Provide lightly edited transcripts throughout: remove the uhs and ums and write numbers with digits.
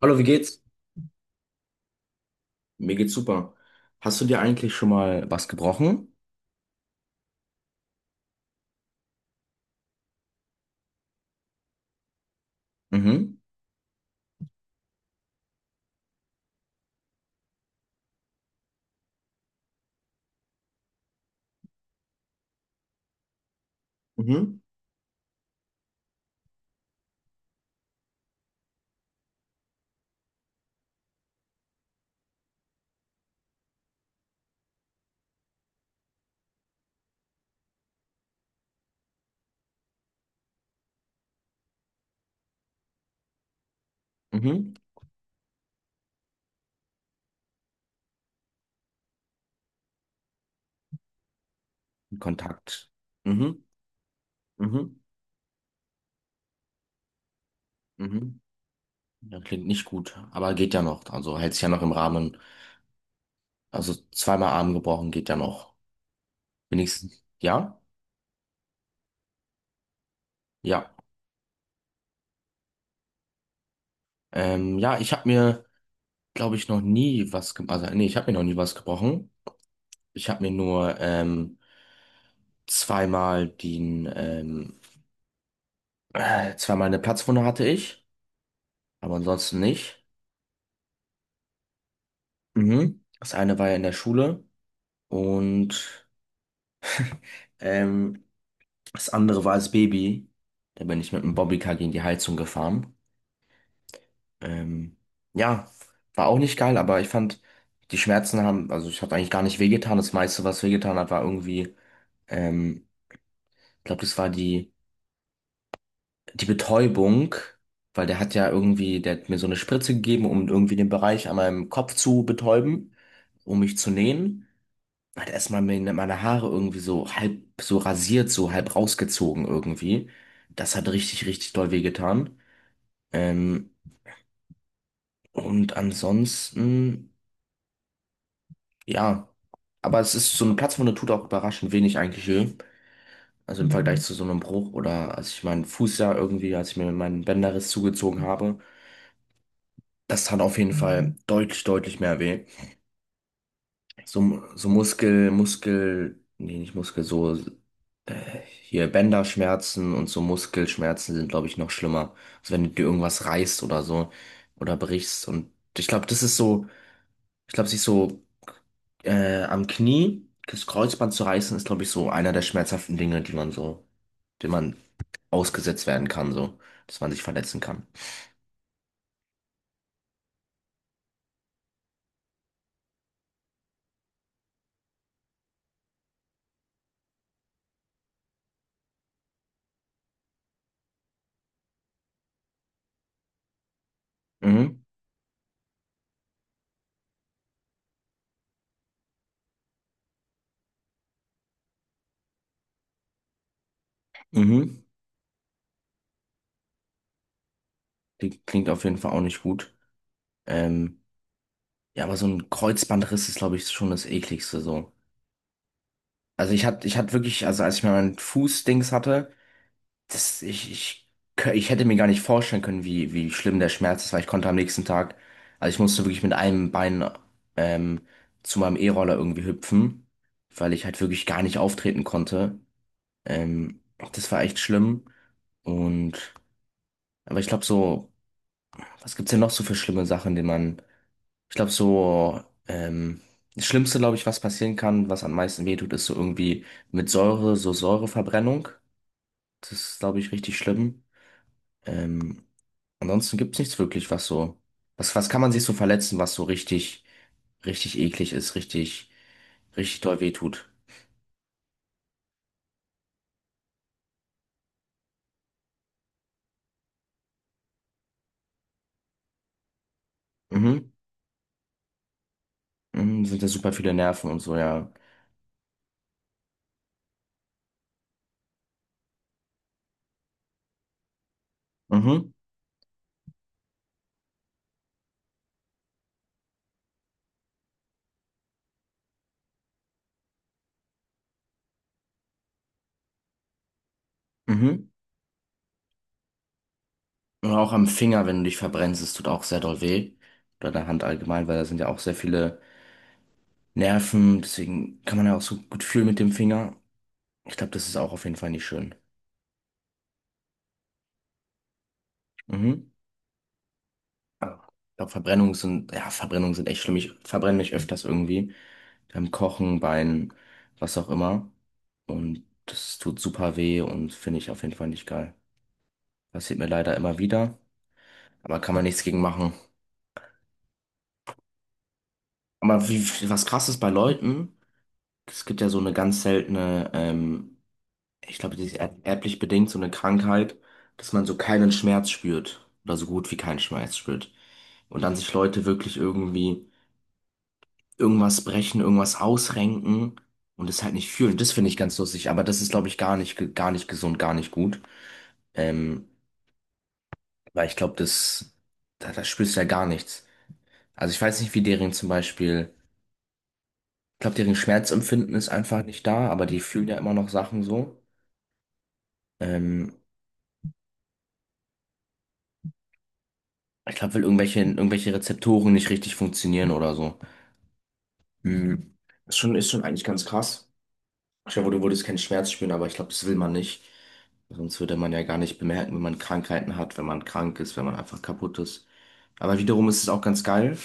Hallo, wie geht's? Mir geht's super. Hast du dir eigentlich schon mal was gebrochen? Mhm, mhm, mhm. Kontakt. Mhm, mhm, mhm. Ja, klingt nicht gut, aber geht ja noch. Also hält sich ja noch im Rahmen. Also zweimal Arm gebrochen geht ja noch. Wenigstens. Ja? Ja. Ja, ich habe mir, glaube ich, noch nie was gebrochen. Also, nee, ich habe mir noch nie was gebrochen. Ich habe mir nur zweimal zweimal eine Platzwunde hatte ich, aber ansonsten nicht. Mhm. Das eine war ja in der Schule und ähm, das andere war als Baby. Da bin ich mit einem Bobbycar gegen die Heizung gefahren. Ähm, ja, war auch nicht geil, aber ich fand, die Schmerzen haben, also ich habe eigentlich gar nicht wehgetan. Das meiste, was wehgetan hat, war irgendwie, ähm, ich glaube, das war die Betäubung, weil der hat ja irgendwie, der hat mir so eine Spritze gegeben, um irgendwie den Bereich an meinem Kopf zu betäuben, um mich zu nähen. Hat erstmal meine Haare irgendwie so halb so rasiert, so halb rausgezogen irgendwie. Das hat richtig, richtig doll wehgetan. Ähm, und ansonsten, ja. Aber es ist so eine Platzwunde tut auch überraschend wenig eigentlich weh. Also im Vergleich Mhm. zu so einem Bruch oder als ich meinen Fuß ja irgendwie, als ich mir meinen Bänderriss zugezogen habe, das tat auf jeden Fall deutlich, deutlich mehr weh. So, so nee, nicht Muskel, so. Hier Bänderschmerzen und so Muskelschmerzen sind, glaube ich, noch schlimmer. Also wenn du dir irgendwas reißt oder so oder brichst. Und ich glaube, das ist so, ich glaube, sich so am Knie das Kreuzband zu reißen, ist, glaube ich, so einer der schmerzhaften Dinge, die man so, dem man ausgesetzt werden kann, so, dass man sich verletzen kann. Mhm. Mhm. Die klingt auf jeden Fall auch nicht gut. Ähm, ja, aber so ein Kreuzbandriss ist, glaube ich, schon das Ekligste so. Also ich hatte wirklich, also als ich mir meinen Fußdings hatte, Das, ich, kö- ich hätte mir gar nicht vorstellen können, wie schlimm der Schmerz ist, weil ich konnte am nächsten Tag, also ich musste wirklich mit einem Bein ähm, zu meinem E-Roller irgendwie hüpfen, weil ich halt wirklich gar nicht auftreten konnte. Ähm, Das war echt schlimm. Und, aber ich glaube so, was gibt's denn noch so für schlimme Sachen, die man, ich glaube so, das Schlimmste, glaube ich, was passieren kann, was am meisten wehtut, ist so irgendwie mit Säure, so Säureverbrennung. Das ist, glaube ich, richtig schlimm. Ähm, Ansonsten gibt's nichts wirklich, was so. Was, was kann man sich so verletzen, was so richtig, richtig eklig ist, richtig, richtig doll wehtut? Mhm. Mhm. Sind da super viele Nerven und so, ja. Mhm. Mhm. Oder auch am Finger, wenn du dich verbrennst, es tut auch sehr doll weh. Oder an der Hand allgemein, weil da sind ja auch sehr viele Nerven. Deswegen kann man ja auch so gut fühlen mit dem Finger. Ich glaube, das ist auch auf jeden Fall nicht schön. Mhm. Ja. Ich glaube, Verbrennungen sind, ja, Verbrennungen sind echt schlimm. Ich verbrenne mich öfters irgendwie. Beim Kochen, Beinen, was auch immer. Und das tut super weh und finde ich auf jeden Fall nicht geil. Passiert mir leider immer wieder, aber kann man nichts gegen machen. Aber wie, was krass ist bei Leuten, es gibt ja so eine ganz seltene, ich glaube, die ist erblich bedingt, so eine Krankheit, dass man so keinen Schmerz spürt oder so gut wie keinen Schmerz spürt. Und dann sich Leute wirklich irgendwie irgendwas brechen, irgendwas ausrenken und es halt nicht fühlen. Das finde ich ganz lustig, aber das ist, glaube ich, gar nicht gesund, gar nicht gut. Ähm, Weil ich glaube, da, da spürst du ja gar nichts. Also ich weiß nicht, wie deren zum Beispiel, ich glaube, deren Schmerzempfinden ist einfach nicht da, aber die fühlen ja immer noch Sachen so. Ähm, Ich glaube, weil irgendwelche Rezeptoren nicht richtig funktionieren oder so. Mhm. Ist schon eigentlich ganz krass. Ich glaube, du würdest keinen Schmerz spüren, aber ich glaube, das will man nicht. Sonst würde man ja gar nicht bemerken, wenn man Krankheiten hat, wenn man krank ist, wenn man einfach kaputt ist. Aber wiederum ist es auch ganz geil.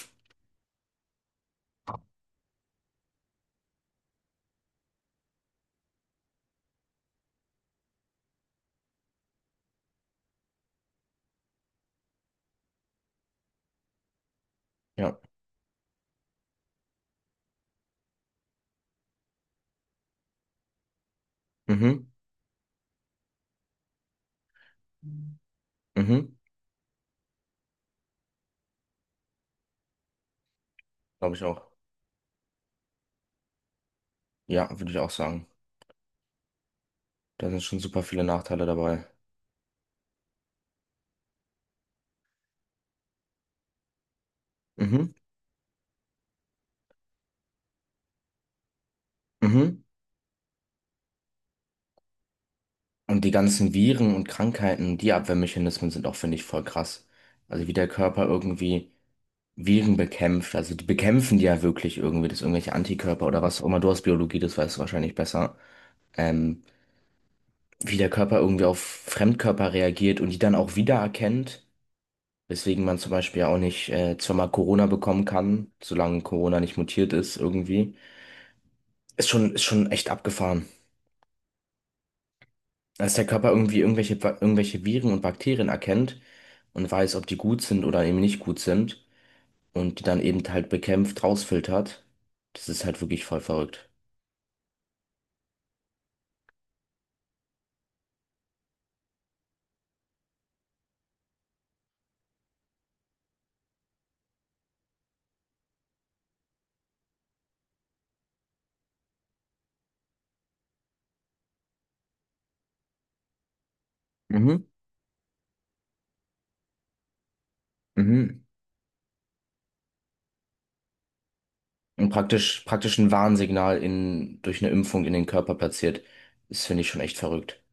Ja. Mhm. Mhm. Glaube ich auch. Ja, würde ich auch sagen. Da sind schon super viele Nachteile dabei. Mhm. Mhm. Und die ganzen Viren und Krankheiten, die Abwehrmechanismen sind auch, finde ich, voll krass. Also wie der Körper irgendwie Viren bekämpft. Also die bekämpfen die ja wirklich irgendwie, das irgendwelche Antikörper oder was auch immer. Du hast Biologie, das weißt du wahrscheinlich besser. Ähm, Wie der Körper irgendwie auf Fremdkörper reagiert und die dann auch wiedererkennt, weswegen man zum Beispiel ja auch nicht zweimal Corona bekommen kann, solange Corona nicht mutiert ist irgendwie. Ist schon echt abgefahren. Dass der Körper irgendwie irgendwelche Viren und Bakterien erkennt und weiß, ob die gut sind oder eben nicht gut sind und die dann eben halt bekämpft, rausfiltert. Das ist halt wirklich voll verrückt. Mhm, mhm. Und praktisch, praktisch ein Warnsignal in, durch eine Impfung in den Körper platziert. Das finde ich schon echt verrückt.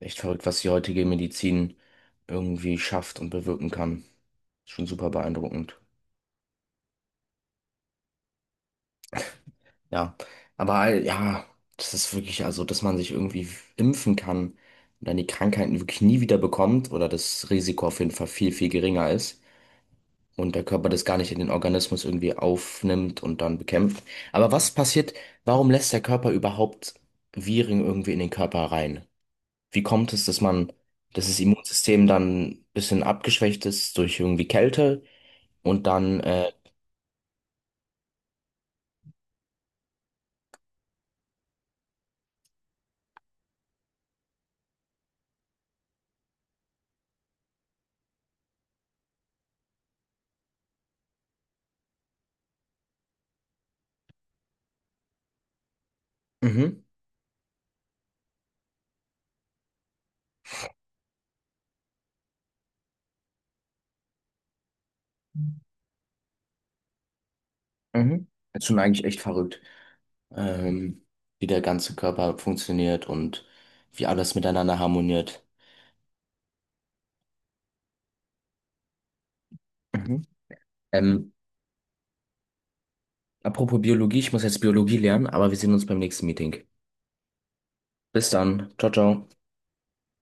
Echt verrückt, was die heutige Medizin irgendwie schafft und bewirken kann. Schon super beeindruckend. Ja, aber ja, das ist wirklich, also, dass man sich irgendwie impfen kann und dann die Krankheiten wirklich nie wieder bekommt oder das Risiko auf jeden Fall viel, viel geringer ist und der Körper das gar nicht in den Organismus irgendwie aufnimmt und dann bekämpft. Aber was passiert, warum lässt der Körper überhaupt Viren irgendwie in den Körper rein? Wie kommt es, dass man, dass das Immunsystem dann ein bisschen abgeschwächt ist durch irgendwie Kälte? Und dann, äh, mhm, mhm. Das ist schon eigentlich echt verrückt, ähm, wie der ganze Körper funktioniert und wie alles miteinander harmoniert. Mhm. Ähm, apropos Biologie, ich muss jetzt Biologie lernen, aber wir sehen uns beim nächsten Meeting. Bis dann. Ciao, ciao.